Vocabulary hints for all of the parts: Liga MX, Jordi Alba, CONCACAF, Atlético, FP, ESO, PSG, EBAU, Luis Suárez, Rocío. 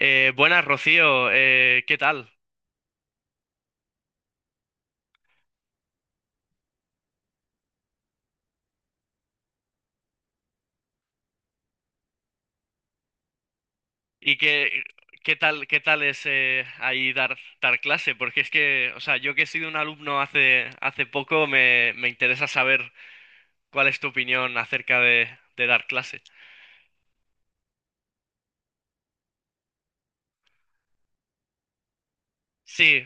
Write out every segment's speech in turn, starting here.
Buenas, Rocío, ¿qué tal? ¿Y qué, qué tal es ahí dar clase? Porque es que, o sea, yo que he sido un alumno hace poco, me interesa saber cuál es tu opinión de dar clase. Sí,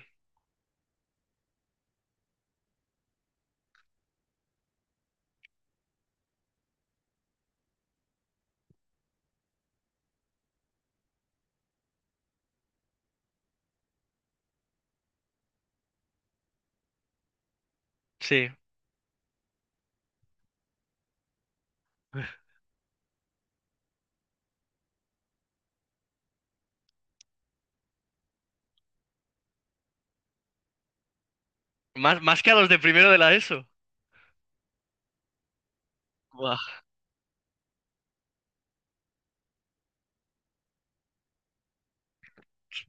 sí. Más, más que a los de primero de la ESO. Buah,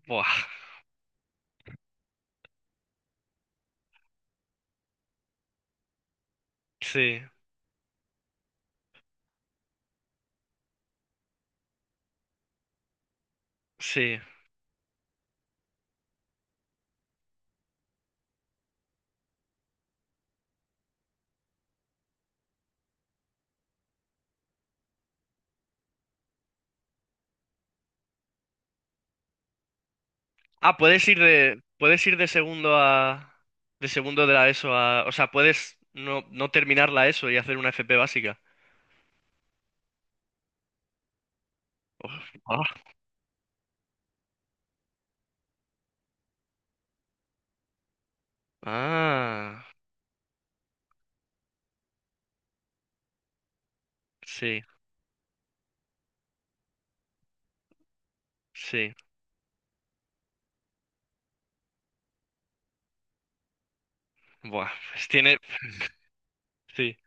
buah. Sí, sí. Ah, puedes ir de segundo a, de segundo de la ESO a, o sea, puedes no terminar la ESO y hacer una FP básica. Ah. Ah. Sí, sí. Buah, pues tiene. Sí,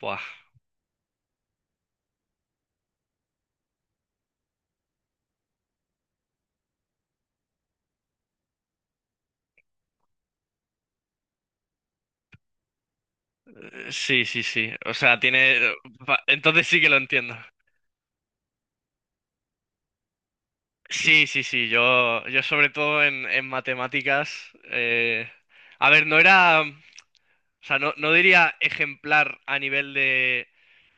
buah. Sí, sí, sí. O sea, tiene. Va, entonces sí que lo entiendo. Sí, sí, sí. Yo sobre todo en matemáticas. A ver, no era. O sea, no, no diría ejemplar a nivel de.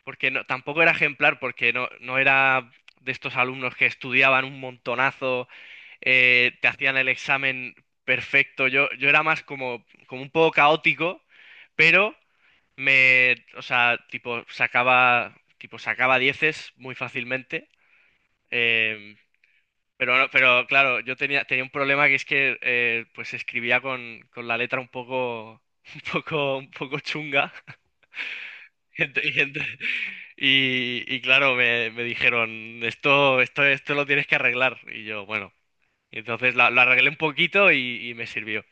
Porque no, tampoco era ejemplar porque no, no era de estos alumnos que estudiaban un montonazo. Te hacían el examen perfecto. Yo era más como, como un poco caótico, pero o sea, tipo, tipo, sacaba dieces muy fácilmente. Eh, pero, no- Pero claro, tenía un problema que es que pues escribía con la letra un poco, un poco chunga. Y, ent- y ent- y claro, me dijeron, esto lo tienes que arreglar. Y yo, bueno, entonces la arreglé un poquito y me sirvió.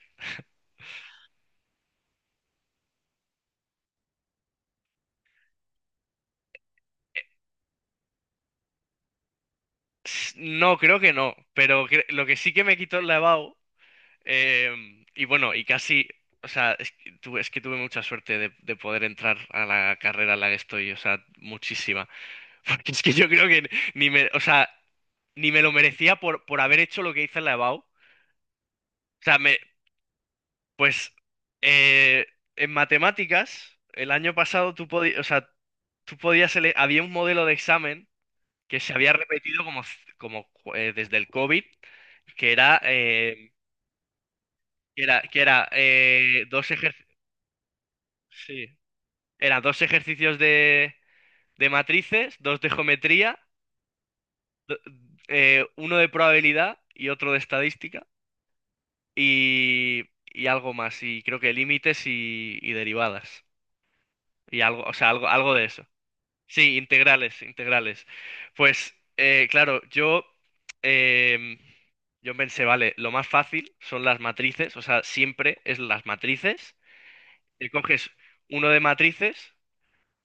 No, creo que no, lo que sí que me quitó el lavabo, y bueno, y casi, o sea, es que tuve mucha suerte de poder entrar a la carrera en la que estoy, o sea, muchísima. Porque es que yo creo que ni me, o sea, ni me lo merecía por haber hecho lo que hice en la EBAU. O sea, pues eh, en matemáticas, el año pasado o sea, había un modelo de examen que se había repetido como desde el COVID, que era, eh, que era sí, era dos ejercicios de matrices, dos de geometría, uno de probabilidad y otro de estadística, y algo más, y creo que límites y derivadas, y algo, o sea, algo, algo de eso. Sí, integrales, integrales. Pues em, yo pensé, vale, lo más fácil son las matrices, o sea, siempre es las matrices. Te coges uno de matrices,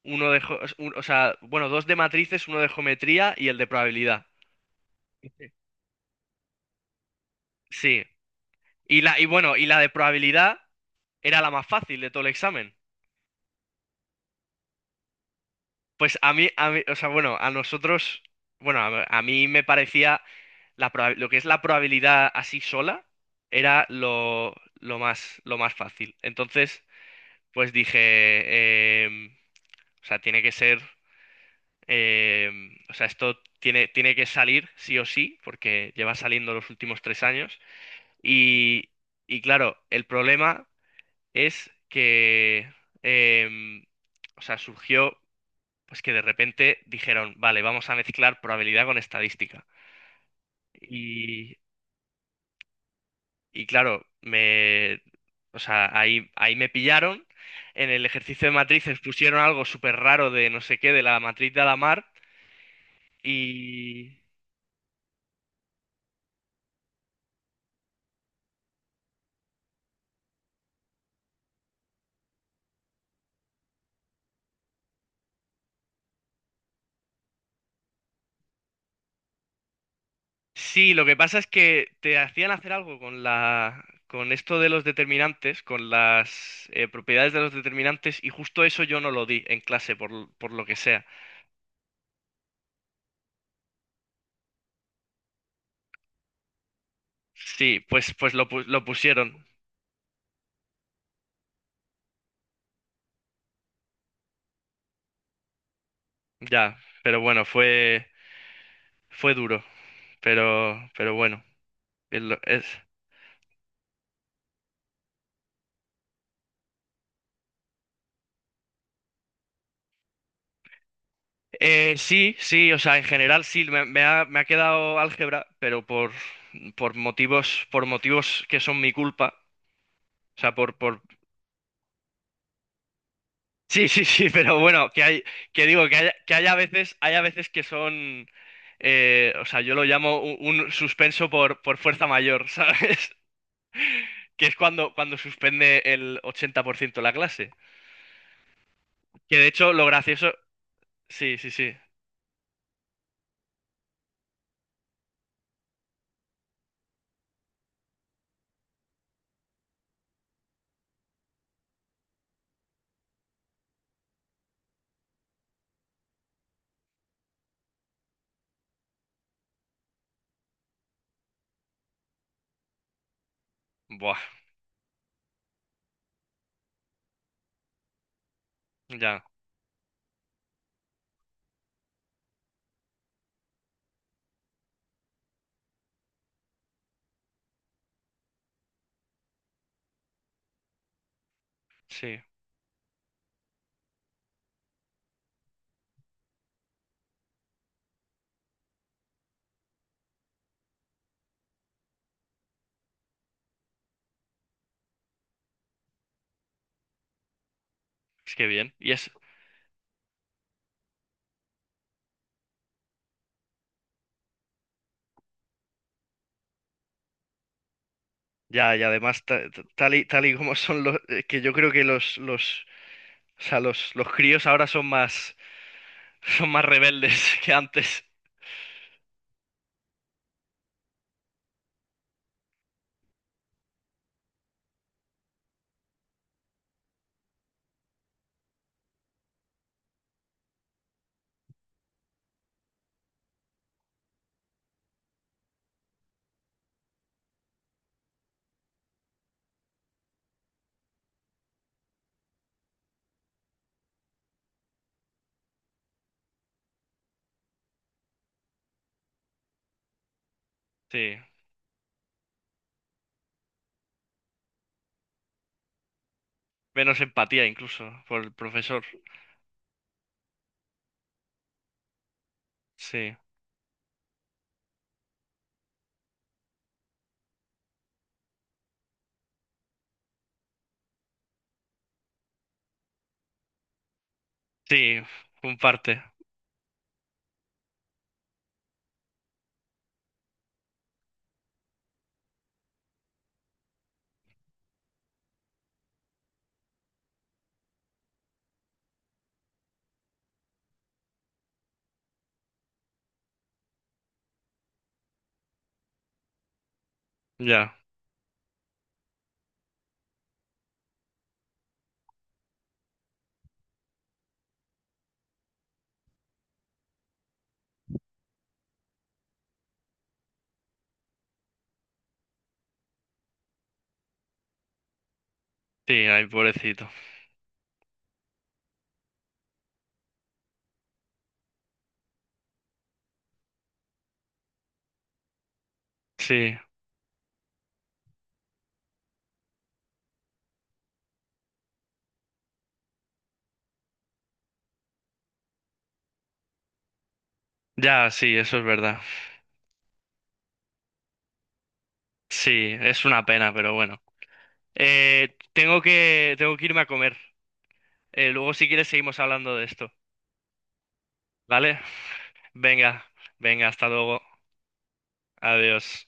uno de, jo- un- o sea, bueno, dos de matrices, uno de geometría y el de probabilidad. Sí. Y bueno, y la de probabilidad era la más fácil de todo el examen. Pues a mí, o sea, bueno, a nosotros, bueno, a mí me parecía lo que es la probabilidad así sola era lo más fácil. Entonces, pues dije, o sea, tiene que ser, em, o sea, esto tiene que salir sí o sí, porque lleva saliendo los últimos tres años. Y, y claro, el problema es que, em, o sea, surgió pues que de repente dijeron, vale, vamos a mezclar probabilidad con estadística. Y, y claro, o sea, ahí, ahí me pillaron. En el ejercicio de matrices pusieron algo súper raro de no sé qué, de la matriz de Alamar. Y sí, lo que pasa es que te hacían hacer algo con la, con esto de los determinantes, con las propiedades de los determinantes, y justo eso yo no lo di en clase, por lo que sea. Sí, lo pusieron. Ya, pero bueno, fue duro, pero bueno, es, lo- es- sí, sí, o sea, en general sí, me ha quedado álgebra, pero por motivos que son mi culpa, o sea, sí, sí, sí, pero bueno, que hay, que digo, que hay que haya veces, hay a veces que son, o sea, yo lo llamo un suspenso por fuerza mayor, ¿sabes? Que es cuando suspende el 80% la clase. Que de hecho, lo gracioso, sí, sí, sí. Buah, ya, sí, es que bien. Y es, ya, y además, ta- ta- tal y, tal y como son los, que yo creo que o sea, los críos ahora son más, son más rebeldes que antes. Sí, menos empatía incluso por el profesor. Sí, sí, un parte, ya, sí, ay, pobrecito. Sí, ya, sí, eso es verdad. Sí, es una pena, pero bueno. Tengo que, tengo que irme a comer. Luego si quieres seguimos hablando de esto. ¿Vale? Venga, venga, hasta luego. Adiós.